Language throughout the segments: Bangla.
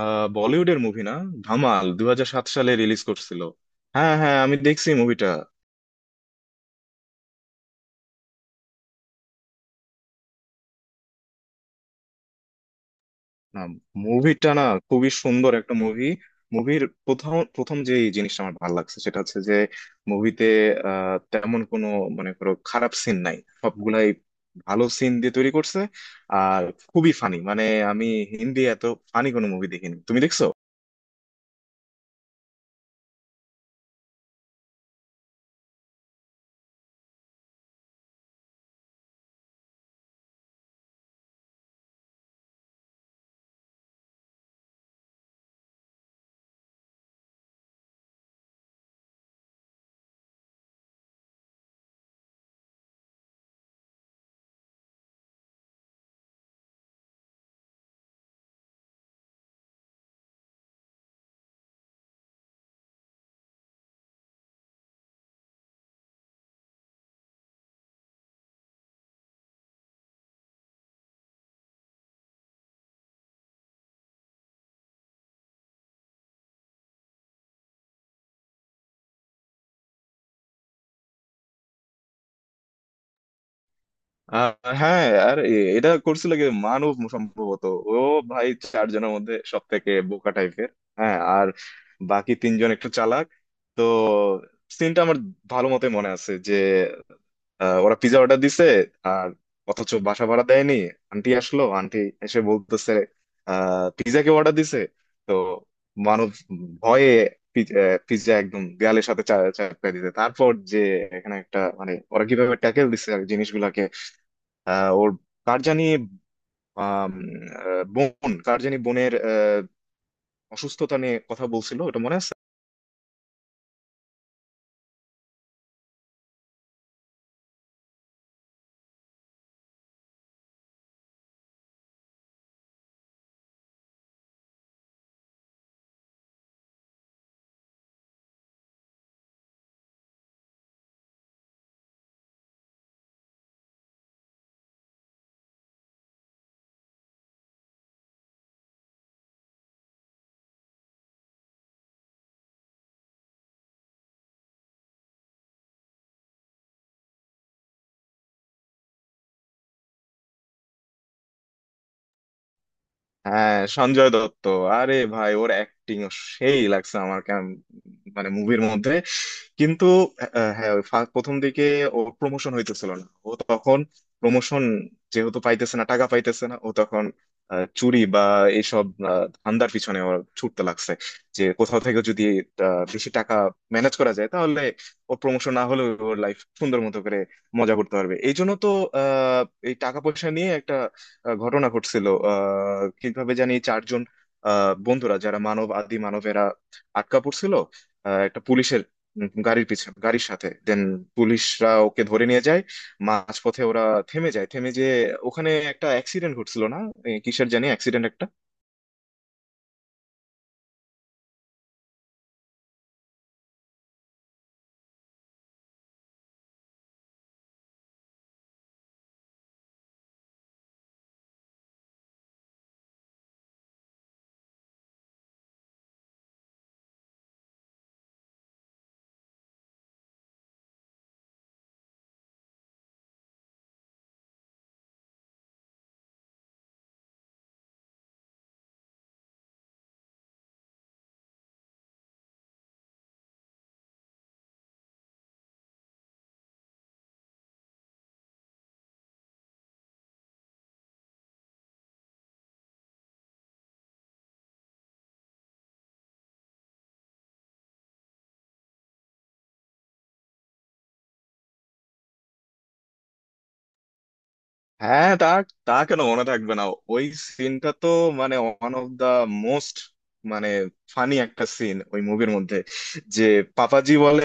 বলিউডের মুভি না। ধামাল 2007 সালে রিলিজ করছিল। হ্যাঁ হ্যাঁ, আমি দেখছি মুভিটা। না, মুভিটা না, খুবই সুন্দর একটা মুভি। মুভির প্রথম প্রথম যে জিনিসটা আমার ভালো লাগছে সেটা হচ্ছে যে মুভিতে তেমন কোনো মানে কোনো খারাপ সিন নাই, সবগুলাই ভালো সিন দিয়ে তৈরি করছে। আর খুবই ফানি, মানে আমি হিন্দি এত ফানি কোনো মুভি দেখিনি, তুমি দেখছো? আহ, হ্যাঁ। আর এটা করছিল কি মানব সম্ভবত, ও ভাই চারজনের মধ্যে সব থেকে বোকা টাইপের। হ্যাঁ, আর বাকি তিনজন একটু চালাক। তো সিনটা আমার ভালো মতো মনে আছে যে ওরা পিজা অর্ডার দিছে, আর অথচ বাসা ভাড়া দেয়নি। আন্টি আসলো, আন্টি এসে বলতেছে পিজা কে অর্ডার দিছে? তো মানব ভয়ে পিজা একদম দেয়ালের সাথে চাপকায় দিতে, তারপর যে এখানে একটা মানে ওরা কিভাবে ট্যাকেল দিছে আর জিনিসগুলাকে। ওর কার জানি আম, বোন, কার জানি বোনের অসুস্থতা নিয়ে কথা বলছিল, ওটা মনে আছে। হ্যাঁ, সঞ্জয় দত্ত। আরে ভাই, ওর অ্যাক্টিং সেই লাগছে আমার, কেমন, মানে মুভির মধ্যে কিন্তু হ্যাঁ, ওই প্রথম দিকে ওর প্রমোশন হইতেছিল না, ও তখন প্রমোশন যেহেতু পাইতেছে না, টাকা পাইতেছে না, ও তখন চুরি বা এইসব ধান্দার পিছনে ওর ছুটতে লাগছে। যে কোথাও থেকে যদি বেশি টাকা ম্যানেজ করা যায়, তাহলে ওর প্রমোশন না হলেও ওর লাইফ সুন্দর মতো করে মজা করতে পারবে, এই জন্য তো আহ এই টাকা পয়সা নিয়ে একটা ঘটনা ঘটছিল। কিভাবে জানি চারজন আহ বন্ধুরা, যারা মানব আদি মানবেরা আটকা পড়ছিল একটা পুলিশের গাড়ির পিছনে, গাড়ির সাথে দেন পুলিশরা ওকে ধরে নিয়ে যায়। মাঝপথে ওরা থেমে যায়, থেমে যে ওখানে একটা অ্যাক্সিডেন্ট ঘটছিল না, কিসের জানি অ্যাক্সিডেন্ট একটা। হ্যাঁ, তা তা কেন মনে থাকবে না? ওই সিনটা তো মানে ওয়ান অফ দা মোস্ট, মানে ফানি একটা সিন ওই মুভির মধ্যে। যে পাপাজি বলে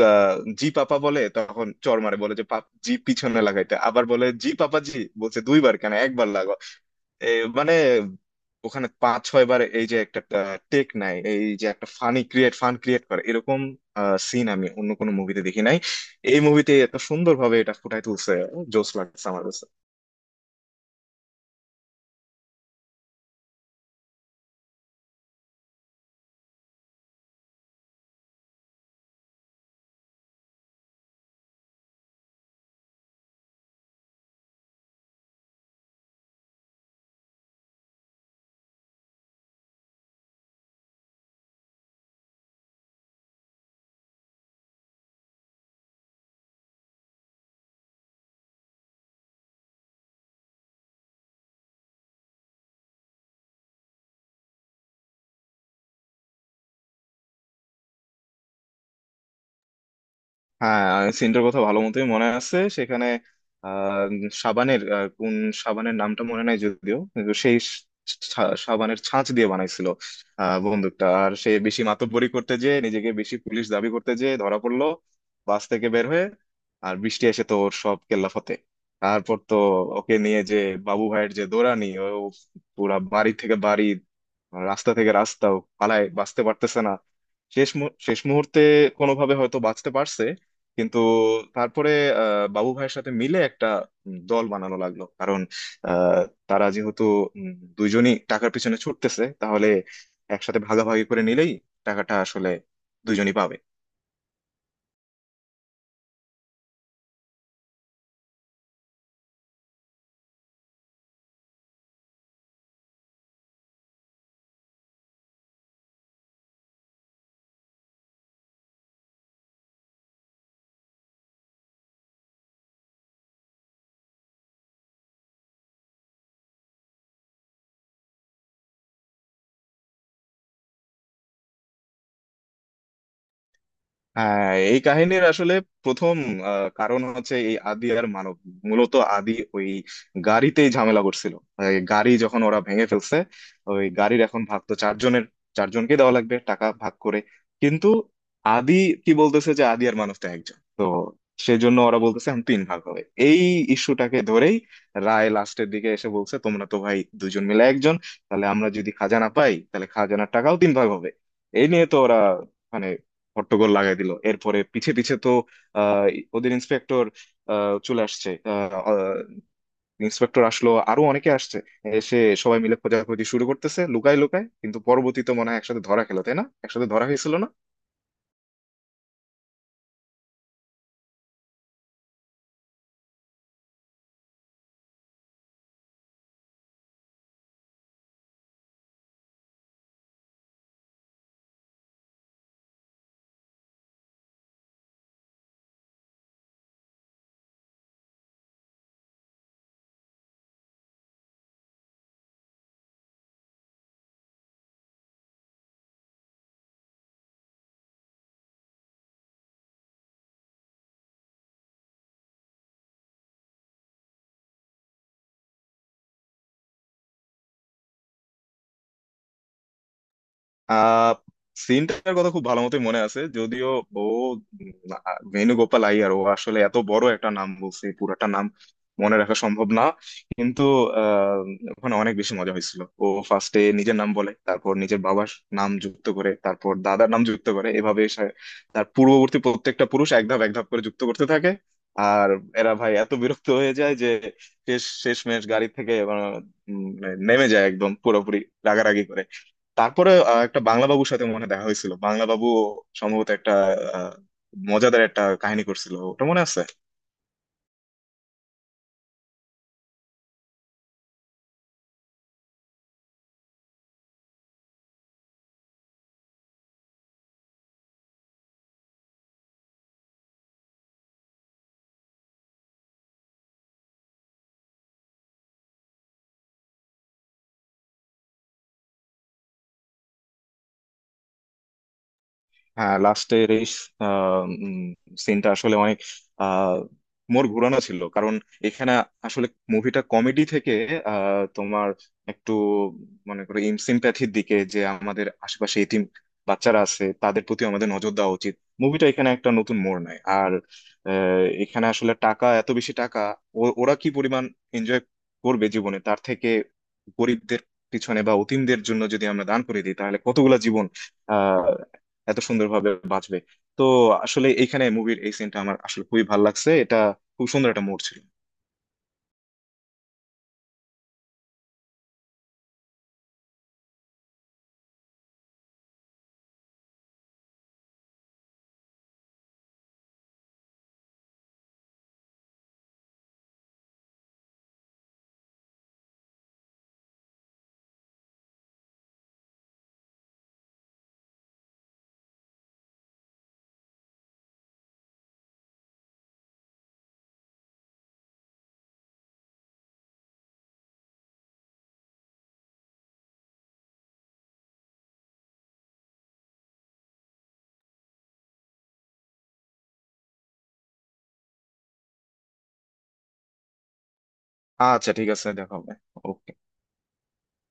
আহ, জি পাপা বলে, তখন চর মারে বলে যে পাপ জি পিছনে লাগাইতে, আবার বলে জি পাপাজি, বলছে দুইবার কেন, একবার লাগো। এ, মানে ওখানে পাঁচ ছয় বার এই যে একটা টেক নাই, এই যে একটা ফানি ক্রিয়েট, ফান ক্রিয়েট করে, এরকম সিন আমি অন্য কোনো মুভিতে দেখি নাই। এই মুভিতে এত সুন্দরভাবে এটা ফুটাই তুলছে, জোস লাগছে আমার কাছে। হ্যাঁ, সিনটার কথা ভালো মতোই মনে আছে। সেখানে আহ সাবানের কোন সাবানের নামটা মনে নাই যদিও, কিন্তু সেই সাবানের ছাঁচ দিয়ে বানাইছিল বন্দুকটা। আর সে বেশি মাতব্বরি করতে যেয়ে, নিজেকে বেশি পুলিশ দাবি করতে যেয়ে ধরা পড়লো বাস থেকে বের হয়ে, আর বৃষ্টি এসে তো ওর সব কেল্লা ফতে। তারপর তো ওকে নিয়ে যে বাবু ভাইয়ের যে দৌড়ানি, ও পুরা বাড়ি থেকে বাড়ি, রাস্তা থেকে রাস্তা ও পালায় বাঁচতে পারতেছে না। শেষ মুহূর্তে কোনোভাবে হয়তো বাঁচতে পারছে, কিন্তু তারপরে বাবু ভাইয়ের সাথে মিলে একটা দল বানানো লাগলো, কারণ আহ, তারা যেহেতু উম, দুইজনই টাকার পিছনে ছুটতেছে, তাহলে একসাথে ভাগাভাগি করে নিলেই টাকাটা আসলে দুইজনই পাবে। হ্যাঁ, এই কাহিনীর আসলে প্রথম কারণ হচ্ছে এই আদি আর মানব, মূলত আদি ওই গাড়িতেই ঝামেলা করছিল। এই গাড়ি যখন ওরা ভেঙে ফেলছে, ওই গাড়ির এখন ভাগ তো চারজনের, চারজনকে দেওয়া লাগবে টাকা ভাগ করে। কিন্তু আদি কি বলতেছে, যে আদি আর মানব তো একজন, তো সেজন্য ওরা বলতেছে এখন তিন ভাগ হবে। এই ইস্যুটাকে ধরেই রায় লাস্টের দিকে এসে বলছে তোমরা তো ভাই দুজন মিলে একজন, তাহলে আমরা যদি খাজানা পাই, তাহলে খাজানার টাকাও তিন ভাগ হবে। এই নিয়ে তো ওরা মানে হট্টগোল লাগাই দিল। এরপরে পিছে পিছে তো আহ, ওদের ইন্সপেক্টর চলে আসছে। ইন্সপেক্টর আসলো, আরো অনেকে আসছে, এসে সবাই মিলে খোঁজাখুঁজি শুরু করতেছে লুকায় লুকায়। কিন্তু পরবর্তীতে মনে হয় একসাথে ধরা খেলো, তাই না, একসাথে ধরা হয়েছিল না? আহ সিনটার কথা খুব ভালো মতোই মনে আছে যদিও। ও ভেনুগোপাল আইয়ার, ও আসলে এত বড় একটা নাম বলছে, পুরাটা নাম মনে রাখা সম্ভব না। কিন্তু আহ, ওখানে অনেক বেশি মজা হয়েছিল, ও ফার্স্টে নিজের নাম বলে, তারপর নিজের বাবার নাম যুক্ত করে, তারপর দাদার নাম যুক্ত করে, এভাবে তার পূর্ববর্তী প্রত্যেকটা পুরুষ এক ধাপ এক ধাপ করে যুক্ত করতে থাকে। আর এরা ভাই এত বিরক্ত হয়ে যায় যে শেষমেশ গাড়ি থেকে উম, নেমে যায় একদম পুরোপুরি রাগারাগি করে। তারপরে একটা বাংলা বাবুর সাথে মনে হয় দেখা হয়েছিল, বাংলা বাবু সম্ভবত একটা আহ, মজাদার একটা কাহিনী করছিল, ওটা মনে আছে। হ্যাঁ, লাস্টের এই সিনটা আসলে অনেক আহ মোর ঘুরানো ছিল, কারণ এখানে আসলে মুভিটা কমেডি থেকে তোমার একটু মনে করো সিম্প্যাথির দিকে, যে আমাদের আশেপাশে এতিম বাচ্চারা আছে, তাদের প্রতি আমাদের নজর দেওয়া উচিত। মুভিটা এখানে একটা নতুন মোড় নেয়। আর এখানে আসলে টাকা, এত বেশি টাকা ওরা কি পরিমাণ এনজয় করবে জীবনে, তার থেকে গরিবদের পিছনে বা অতিমদের জন্য যদি আমরা দান করে দিই, তাহলে কতগুলা জীবন এত সুন্দরভাবে বাঁচবে। তো আসলে এইখানে মুভির এই সিনটা আমার আসলে খুবই ভালো লাগছে, এটা খুব সুন্দর একটা মোড় ছিল। আচ্ছা, ঠিক আছে, দেখা হবে। ওকে।